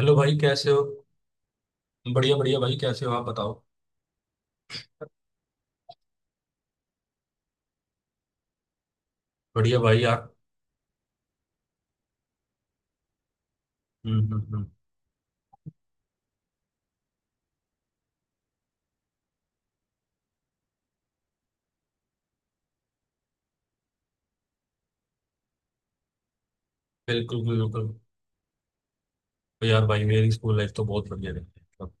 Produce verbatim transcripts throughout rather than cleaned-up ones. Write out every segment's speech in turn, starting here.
Hello भाई, कैसे हो? बढ़िया बढ़िया भाई, कैसे हो आप? बताओ। बढ़िया भाई यार। हम्म, हम्म, हम्म। बिल्कुल बिल्कुल। तो यार भाई, मेरी स्कूल लाइफ तो बहुत बढ़िया रही है। मतलब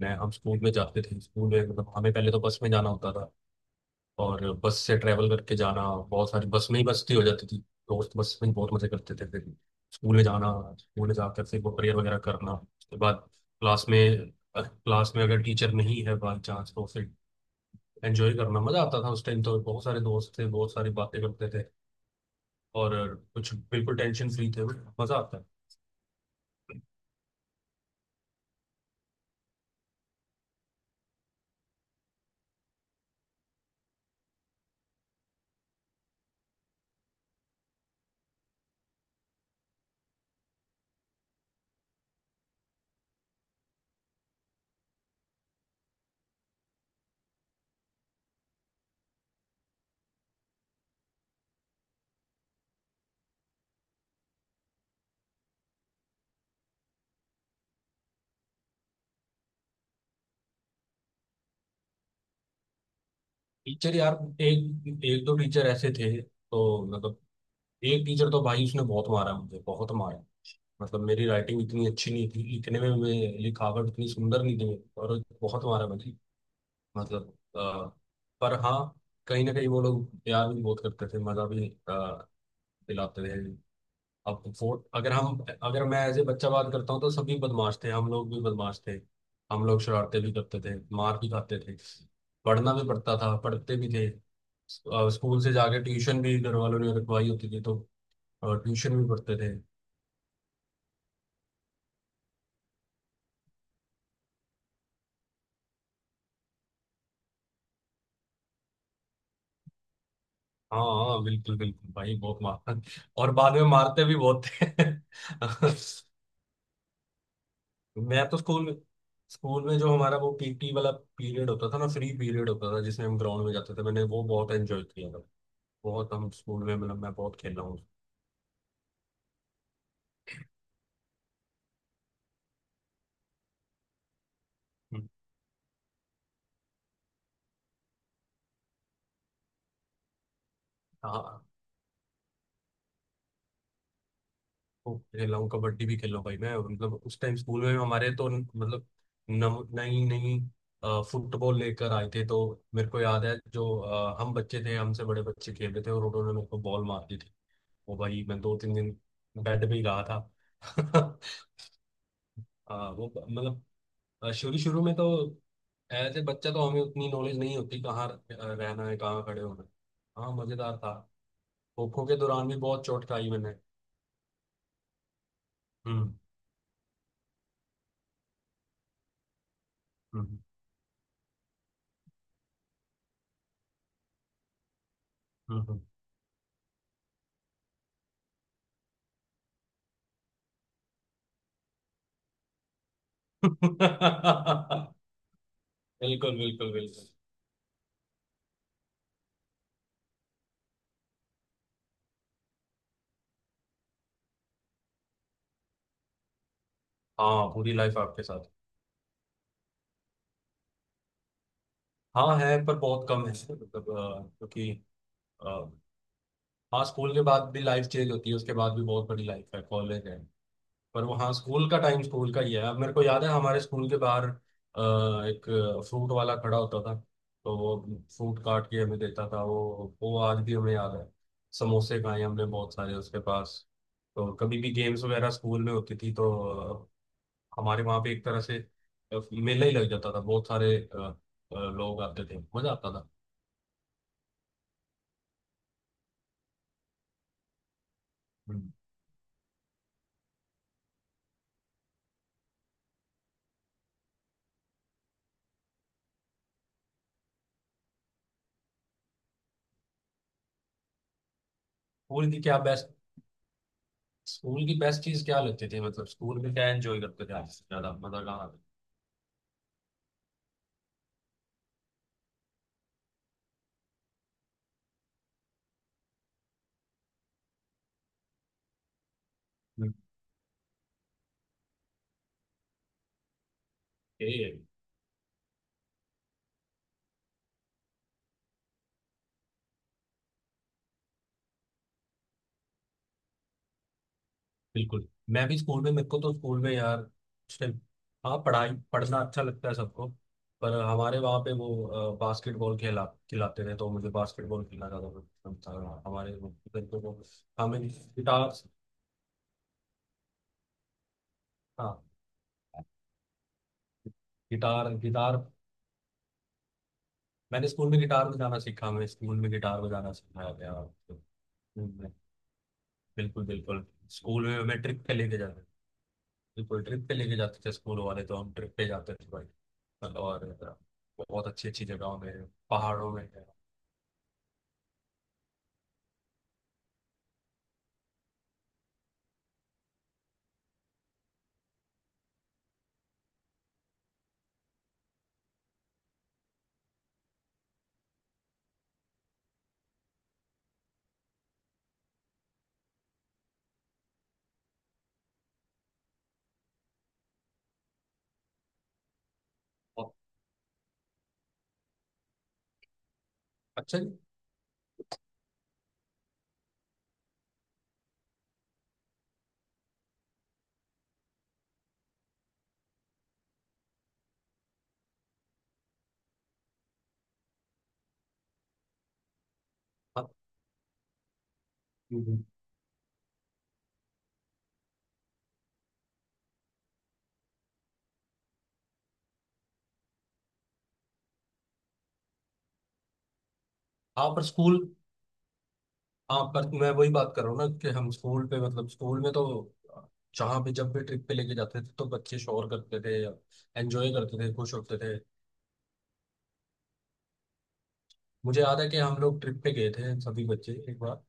मैं हम स्कूल में जाते थे। स्कूल में मतलब हमें पहले तो बस में जाना होता था, और बस से ट्रैवल करके जाना, बहुत सारी बस में ही मस्ती हो जाती थी। दोस्त बस में बहुत मजे करते थे। फिर स्कूल में जाना, स्कूल में जाकर फिर वो प्रेयर वगैरह करना। उसके बाद क्लास में, क्लास में अगर टीचर नहीं है बाई चांस, तो फिर एंजॉय करना। मजा आता था उस टाइम। तो बहुत सारे दोस्त थे, बहुत सारी बातें करते थे और कुछ। बिल्कुल टेंशन फ्री थे, मजा आता है। टीचर यार, एक एक दो टीचर ऐसे थे। तो मतलब एक टीचर तो भाई, उसने बहुत मारा मुझे, बहुत मारा। मतलब मेरी राइटिंग इतनी अच्छी नहीं थी, लिखने में मैं- लिखावट इतनी सुंदर नहीं थी मेरी, और बहुत मारा मुझे। मतलब अ, पर हाँ, कहीं ना कहीं वो लोग प्यार भी बहुत करते थे, मजा भी अ, दिलाते थे। अब तो फोर अगर हम, अगर मैं एज ए बच्चा बात करता हूँ, तो सभी बदमाश थे, हम लोग भी बदमाश थे। हम लोग शरारतें भी करते थे, मार भी खाते थे। पढ़ना भी पड़ता था, पढ़ते भी थे। अ, स्कूल से जाके ट्यूशन भी घर वालों ने रखवाई होती थी, तो अ, ट्यूशन भी पढ़ते थे। हाँ हाँ, बिल्कुल बिल्कुल भाई, बहुत मार और बाद में मारते भी बहुत थे। मैं तो स्कूल में, स्कूल में जो हमारा वो पीटी वाला पीरियड होता था ना, फ्री पीरियड होता था जिसमें हम ग्राउंड में जाते थे। मैंने वो बहुत एंजॉय किया था। बहुत हम स्कूल में, मतलब मैं बहुत खेला हूँ। हम्म, हाँ, खूब खेला हूँ, कबड्डी भी खेला हूँ भाई मैं। मतलब उस टाइम स्कूल में हमारे तो न- मतलब नव नई नई अ, फुटबॉल लेकर आए थे। तो मेरे को याद है, जो अ, हम बच्चे थे, हमसे बड़े बच्चे खेल रहे थे, और उन्होंने मेरे को बॉल मार दी थी। वो भाई मैं दो तीन दिन बेड पे ही रहा था। हाँ वो ब- मतलब अ, शुरू शुरू में तो एज ए बच्चा तो हमें उतनी नॉलेज नहीं होती, कहाँ र- रहना है, कहाँ खड़े होना है। हाँ, मजेदार था। खोखो के दौरान भी बहुत चोट खाई मैंने। हम्म, हम्म, हम्म, हम्म। बिल्कुल बिल्कुल बिल्कुल। हाँ, पूरी लाइफ आपके साथ। हाँ है, पर बहुत कम है। मतलब अ, क्योंकि अ, हाँ, स्कूल के बाद भी लाइफ चेंज होती है। उसके बाद भी बहुत बड़ी लाइफ है, कॉलेज है। पर वो हाँ, स्कूल का टाइम स्कूल का ही है। अब मेरे को याद है, हमारे स्कूल के बाहर अ, एक फ्रूट वाला खड़ा होता था। तो वो फ्रूट काट के हमें देता था। वो वो आज भी हमें याद है। समोसे खाए हमने बहुत सारे उसके पास। तो कभी भी गेम्स वगैरह स्कूल में होती थी, तो अ, हमारे वहाँ पे एक तरह से अ, मेला ही लग जाता था। बहुत सारे अ, अ, लोग आते थे, मजा आता था। हम्म। स्कूल की क्या बेस्ट, स्कूल की बेस्ट चीज क्या लगती थी? मतलब स्कूल में क्या एंजॉय करते थे आप? सबसे ज्यादा मजा कहाँ आता था? हम्म। ये है। बिल्कुल, मैं भी स्कूल में, मेरे को तो स्कूल में यार उस टाइम, हाँ, पढ़ाई पढ़ना अच्छा लगता है सबको। पर हमारे वहाँ पे वो बास्केटबॉल खेला, खिलाते थे। तो मुझे बास्केटबॉल खेलना ज़्यादा पसंद था हमारे वो बच्चों को। हमें गिटार, हाँ गिटार गिटार, मैंने स्कूल में गिटार बजाना सीखा, हमें स्कूल में गिटार बजाना सिखाया गया तो। हम्म, बिल्कुल बिल्कुल। स्कूल में हमें ट्रिप पे लेके जाते, बिल्कुल ट्रिप पे लेके जाते थे स्कूल वाले। तो हम ट्रिप पे जाते थे भाई। मतलब और अ, बहुत अच्छी अच्छी जगहों में, पहाड़ों में। बहुत अच्छा जी। हाँ। हम्म। हाँ, पर स्कूल, हाँ पर मैं वही बात कर रहा हूँ ना, कि हम स्कूल पे मतलब स्कूल में तो अ, जहाँ भी जब भी ट्रिप पे लेके जाते थे, तो बच्चे शोर करते थे, एंजॉय करते थे, खुश होते थे। मुझे याद है कि हम लोग ट्रिप पे गए थे सभी बच्चे एक बार।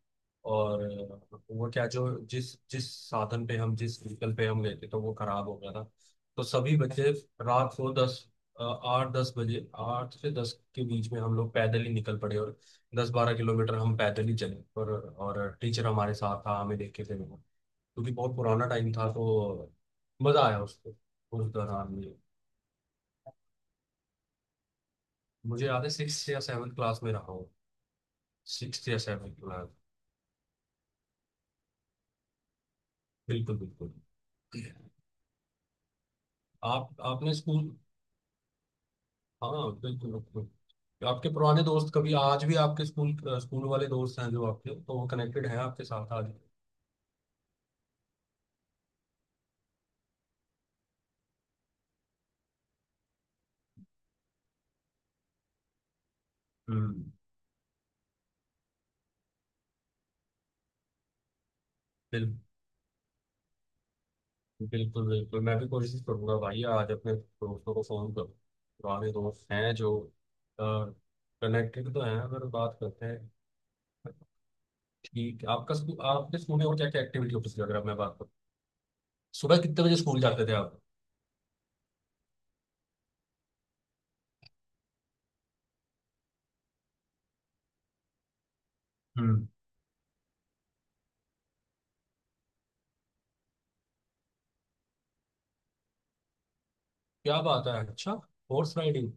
और अ, वो क्या, जो जिस जिस साधन पे हम, जिस व्हीकल पे हम गए थे, तो वो खराब हो गया था। तो सभी बच्चे रात को दस, अ, आठ दस बजे, आठ से दस के बीच में हम लोग पैदल ही निकल पड़े। और दस बारह किलोमीटर हम पैदल ही चले। और और टीचर हमारे साथ था, हमें देख के थे वो। क्योंकि बहुत पुराना टाइम था, तो मजा आया उसको उस दौरान में। मुझे याद है सिक्स या सेवन क्लास में रहा हूँ, सिक्स या सेवन क्लास। बिल्कुल बिल्कुल। आप आपने स्कूल। हाँ बिल्कुल बिल्कुल। आपके पुराने दोस्त कभी आज भी आपके स्कूल, स्कूल वाले दोस्त हैं जो आपके, तो वो कनेक्टेड हैं आपके साथ आज? हम्म। बिल्कुल बिल्कुल बिल्कुल, मैं भी कोशिश करूंगा भाई आज अपने दोस्तों को फोन करूँ। पुराने दोस्त हैं जो, कनेक्टेड तो हैं, अगर बात करते हैं। ठीक है, आपका स्कूल, आपके स्कूल में और क्या क्या एक्टिविटी होती थी अगर मैं बात करूँ? सुबह कितने बजे स्कूल जाते थे आप? हम्म। क्या बात है, अच्छा। Horse riding.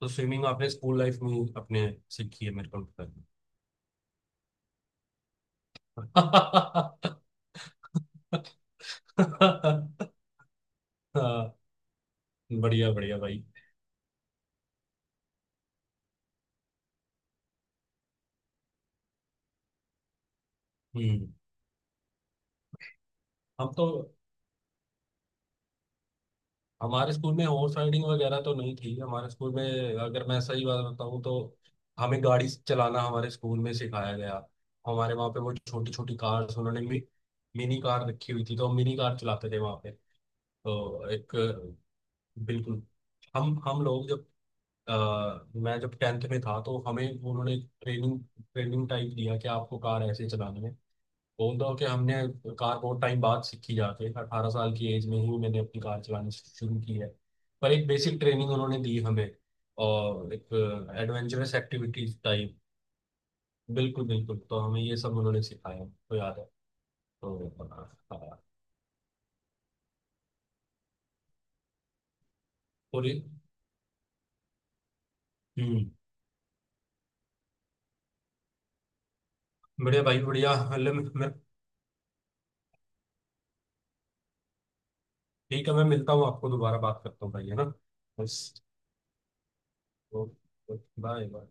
तो स्विमिंग आपने स्कूल लाइफ में ही अपने सीखी है मेरे को लगता है। हाँ। बढ़िया बढ़िया भाई। हम्म। हम तो, हमारे स्कूल में हॉर्स राइडिंग वगैरह तो नहीं थी। हमारे स्कूल में अगर मैं सही बात बताऊँ तो, हमें गाड़ी चलाना हमारे स्कूल में सिखाया गया। हमारे वहाँ पे वो छोटी छोटी कार्स उन्होंने मि, मिनी कार रखी हुई थी। तो हम मिनी कार चलाते थे वहाँ पे। तो एक, बिल्कुल, हम हम लोग जब अ, मैं जब टेंथ में था, तो हमें उन्होंने ट्रेनिंग, ट्रेनिंग टाइप दिया कि आपको कार ऐसे चलानी है। बोल दो कि हमने कार बहुत टाइम बाद सीखी, जाके अठारह साल की एज में ही मैंने अपनी कार चलानी शुरू की है। पर एक बेसिक ट्रेनिंग उन्होंने दी हमें, और एक एडवेंचरस एक्टिविटीज टाइप। बिल्कुल बिल्कुल, तो हमें ये सब उन्होंने सिखाया, तो याद है। तो हाँ, पूरी। हम्म। बढ़िया भाई बढ़िया, हले मैं मैं- ठीक है, मैं मिलता हूँ आपको, दोबारा बात करता हूँ भाई, है ना? बस। Bye bye.